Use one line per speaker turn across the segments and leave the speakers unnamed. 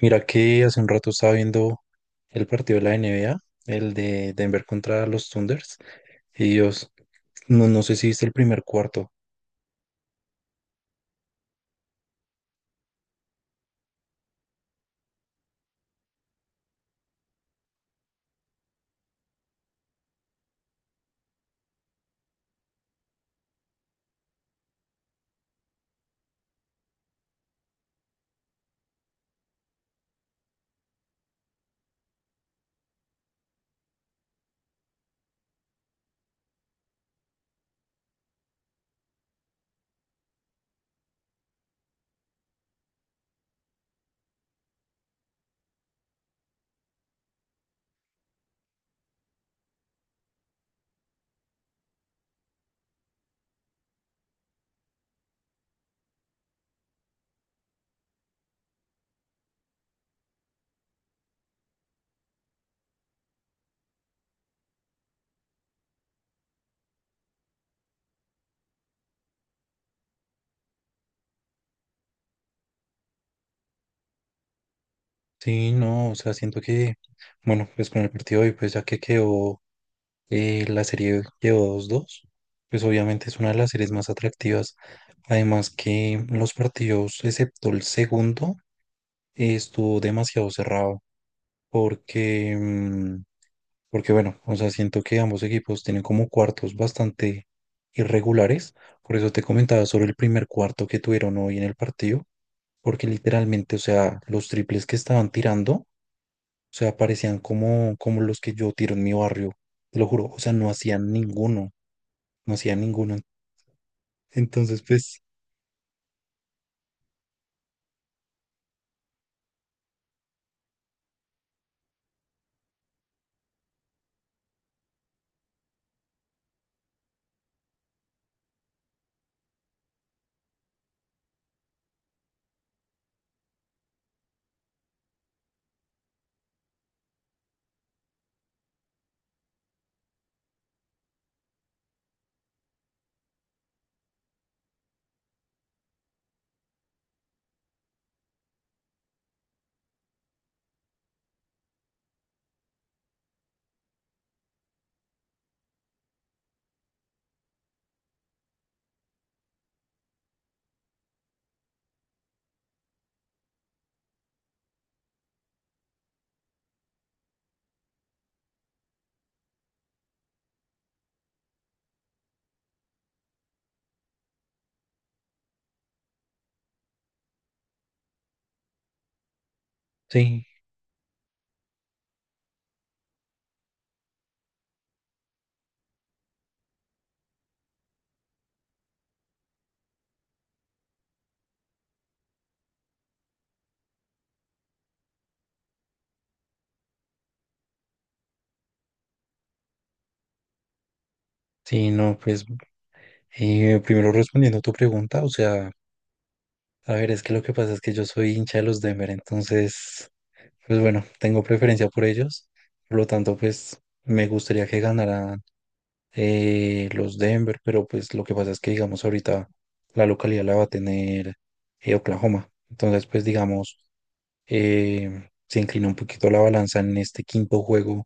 Mira que hace un rato estaba viendo el partido de la NBA, el de Denver contra los Thunders, y Dios, no, no sé si viste el primer cuarto. Sí, no, o sea, siento que, bueno, pues con el partido de hoy, pues ya que quedó, la serie quedó 2-2, pues obviamente es una de las series más atractivas. Además que los partidos, excepto el segundo, estuvo demasiado cerrado, porque, mm, porque bueno, o sea, siento que ambos equipos tienen como cuartos bastante irregulares. Por eso te comentaba sobre el primer cuarto que tuvieron hoy en el partido. Porque literalmente, o sea, los triples que estaban tirando, o sea, parecían como, como los que yo tiro en mi barrio. Te lo juro, o sea, no hacían ninguno. No hacían ninguno. Entonces, pues, sí, sí, no, pues, primero respondiendo a tu pregunta, o sea... A ver, es que lo que pasa es que yo soy hincha de los Denver, entonces, pues bueno, tengo preferencia por ellos. Por lo tanto, pues me gustaría que ganaran los Denver, pero pues lo que pasa es que, digamos, ahorita la localidad la va a tener Oklahoma. Entonces, pues digamos, se inclina un poquito la balanza en este quinto juego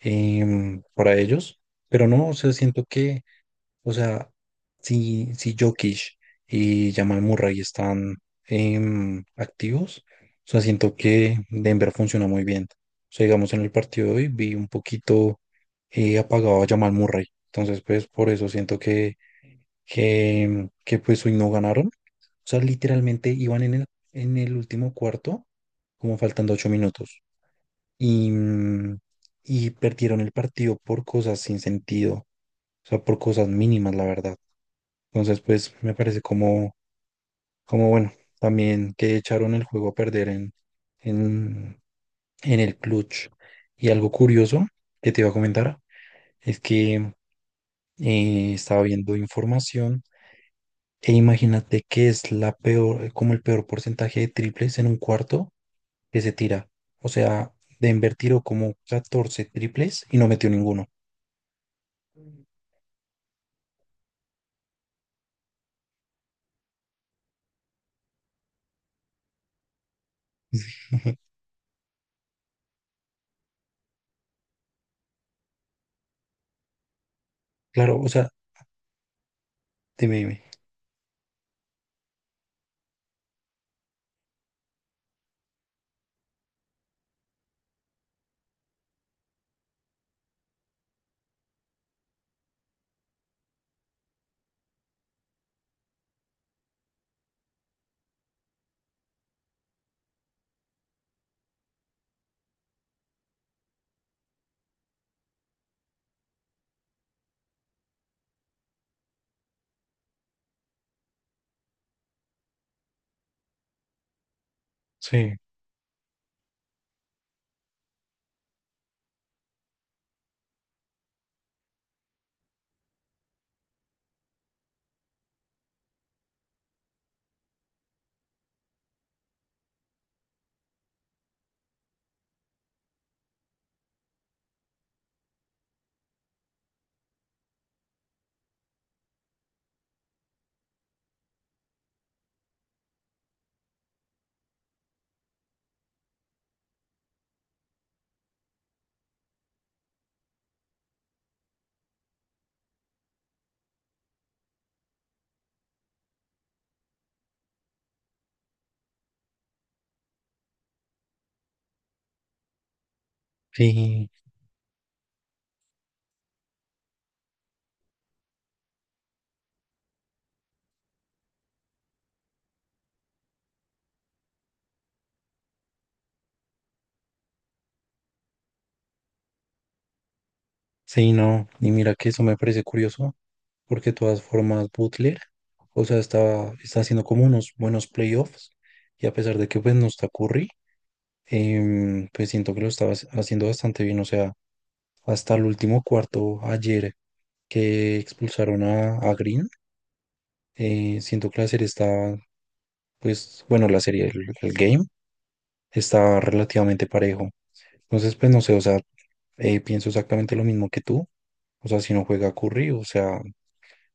para ellos, pero no, o sea, siento que o sea, si Jokic y Jamal Murray están activos, o sea, siento que Denver funciona muy bien. O sea, digamos, en el partido de hoy vi un poquito apagado a Jamal Murray. Entonces, pues, por eso siento que, que pues hoy no ganaron. O sea, literalmente iban en el último cuarto, como faltando 8 minutos. Y, mm, y perdieron el partido por cosas sin sentido, o sea, por cosas mínimas, la verdad. Entonces, pues me parece como, como bueno, también que echaron el juego a perder en, en el clutch. Y algo curioso que te iba a comentar es que estaba viendo información e imagínate que es la peor, como el peor porcentaje de triples en un cuarto que se tira. O sea, de tiró como 14 triples y no metió ninguno. Ujú. Claro, o sea, dime, dime. Sí, sí, sí, no. Y mira que eso me parece curioso, porque de todas formas Butler, o sea, está, está haciendo como unos buenos playoffs, y a pesar de que pues no está Curry, pues siento que lo estaba haciendo bastante bien, o sea, hasta el último cuarto ayer que expulsaron a Green, siento que la serie está, pues, bueno, la serie, el game está relativamente parejo. Entonces, pues no sé, o sea, pienso exactamente lo mismo que tú. O sea, si no juega Curry, o sea,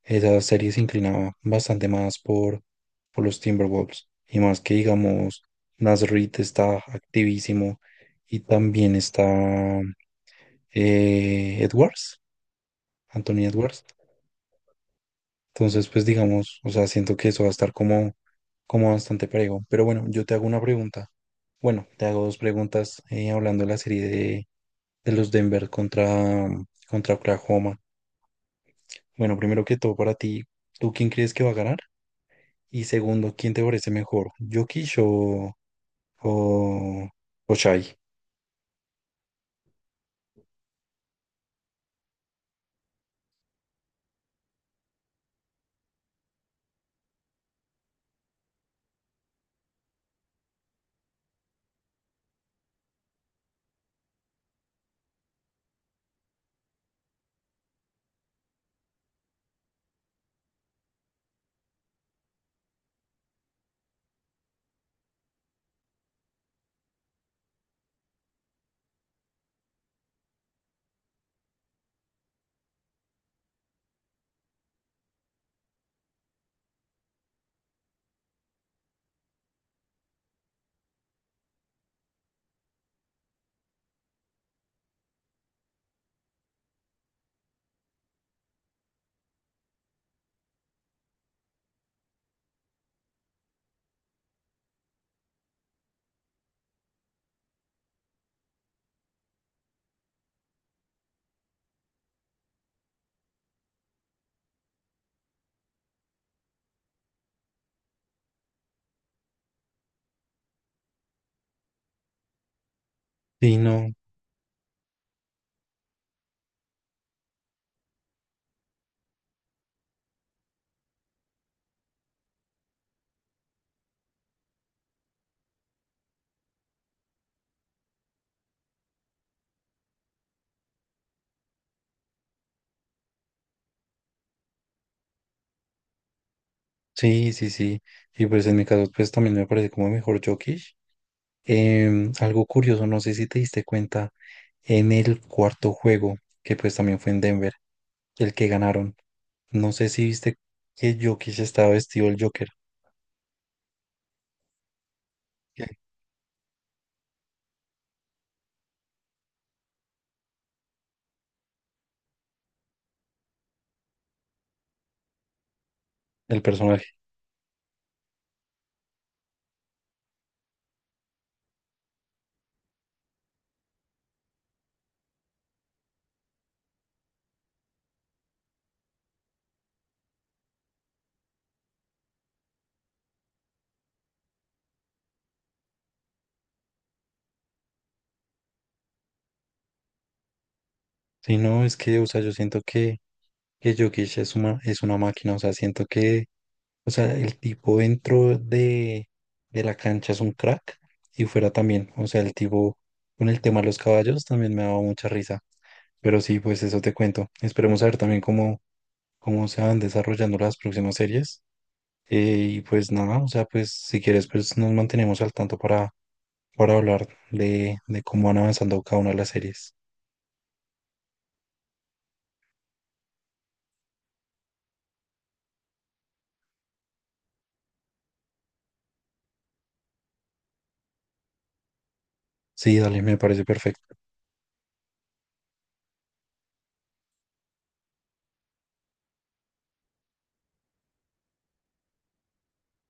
esa serie se inclinaba bastante más por los Timberwolves. Y más que, digamos, Nasrid está activísimo y también está Edwards, Anthony Edwards. Entonces, pues digamos, o sea, siento que eso va a estar como, como bastante parejo. Pero bueno, yo te hago una pregunta. Bueno, te hago dos preguntas hablando de la serie de los Denver contra, contra Oklahoma. Bueno, primero que todo, para ti, ¿tú quién crees que va a ganar? Y segundo, ¿quién te parece mejor? ¿Jokic o, o Shai? Sí, no, sí, sí, sí. Y pues en mi caso, pues también me parece como mejor Jokic. Em, algo curioso, no sé si te diste cuenta, en el cuarto juego, que pues también fue en Denver, el que ganaron. No sé si viste que Jokic estaba vestido el Joker, el personaje. Sí, no, es que, o sea, yo siento que Jokic es una máquina, o sea, siento que, o sea, el tipo dentro de la cancha es un crack y fuera también, o sea, el tipo con el tema de los caballos también me ha dado mucha risa, pero sí, pues eso te cuento. Esperemos a ver también cómo, cómo se van desarrollando las próximas series eh, y pues nada, o sea, pues si quieres, pues nos mantenemos al tanto para hablar de cómo van avanzando cada una de las series. Sí, dale, me parece perfecto.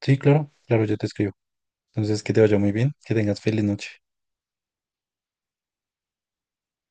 Sí, claro, claro, yo te escribo. Entonces, que te vaya muy bien, que tengas feliz noche.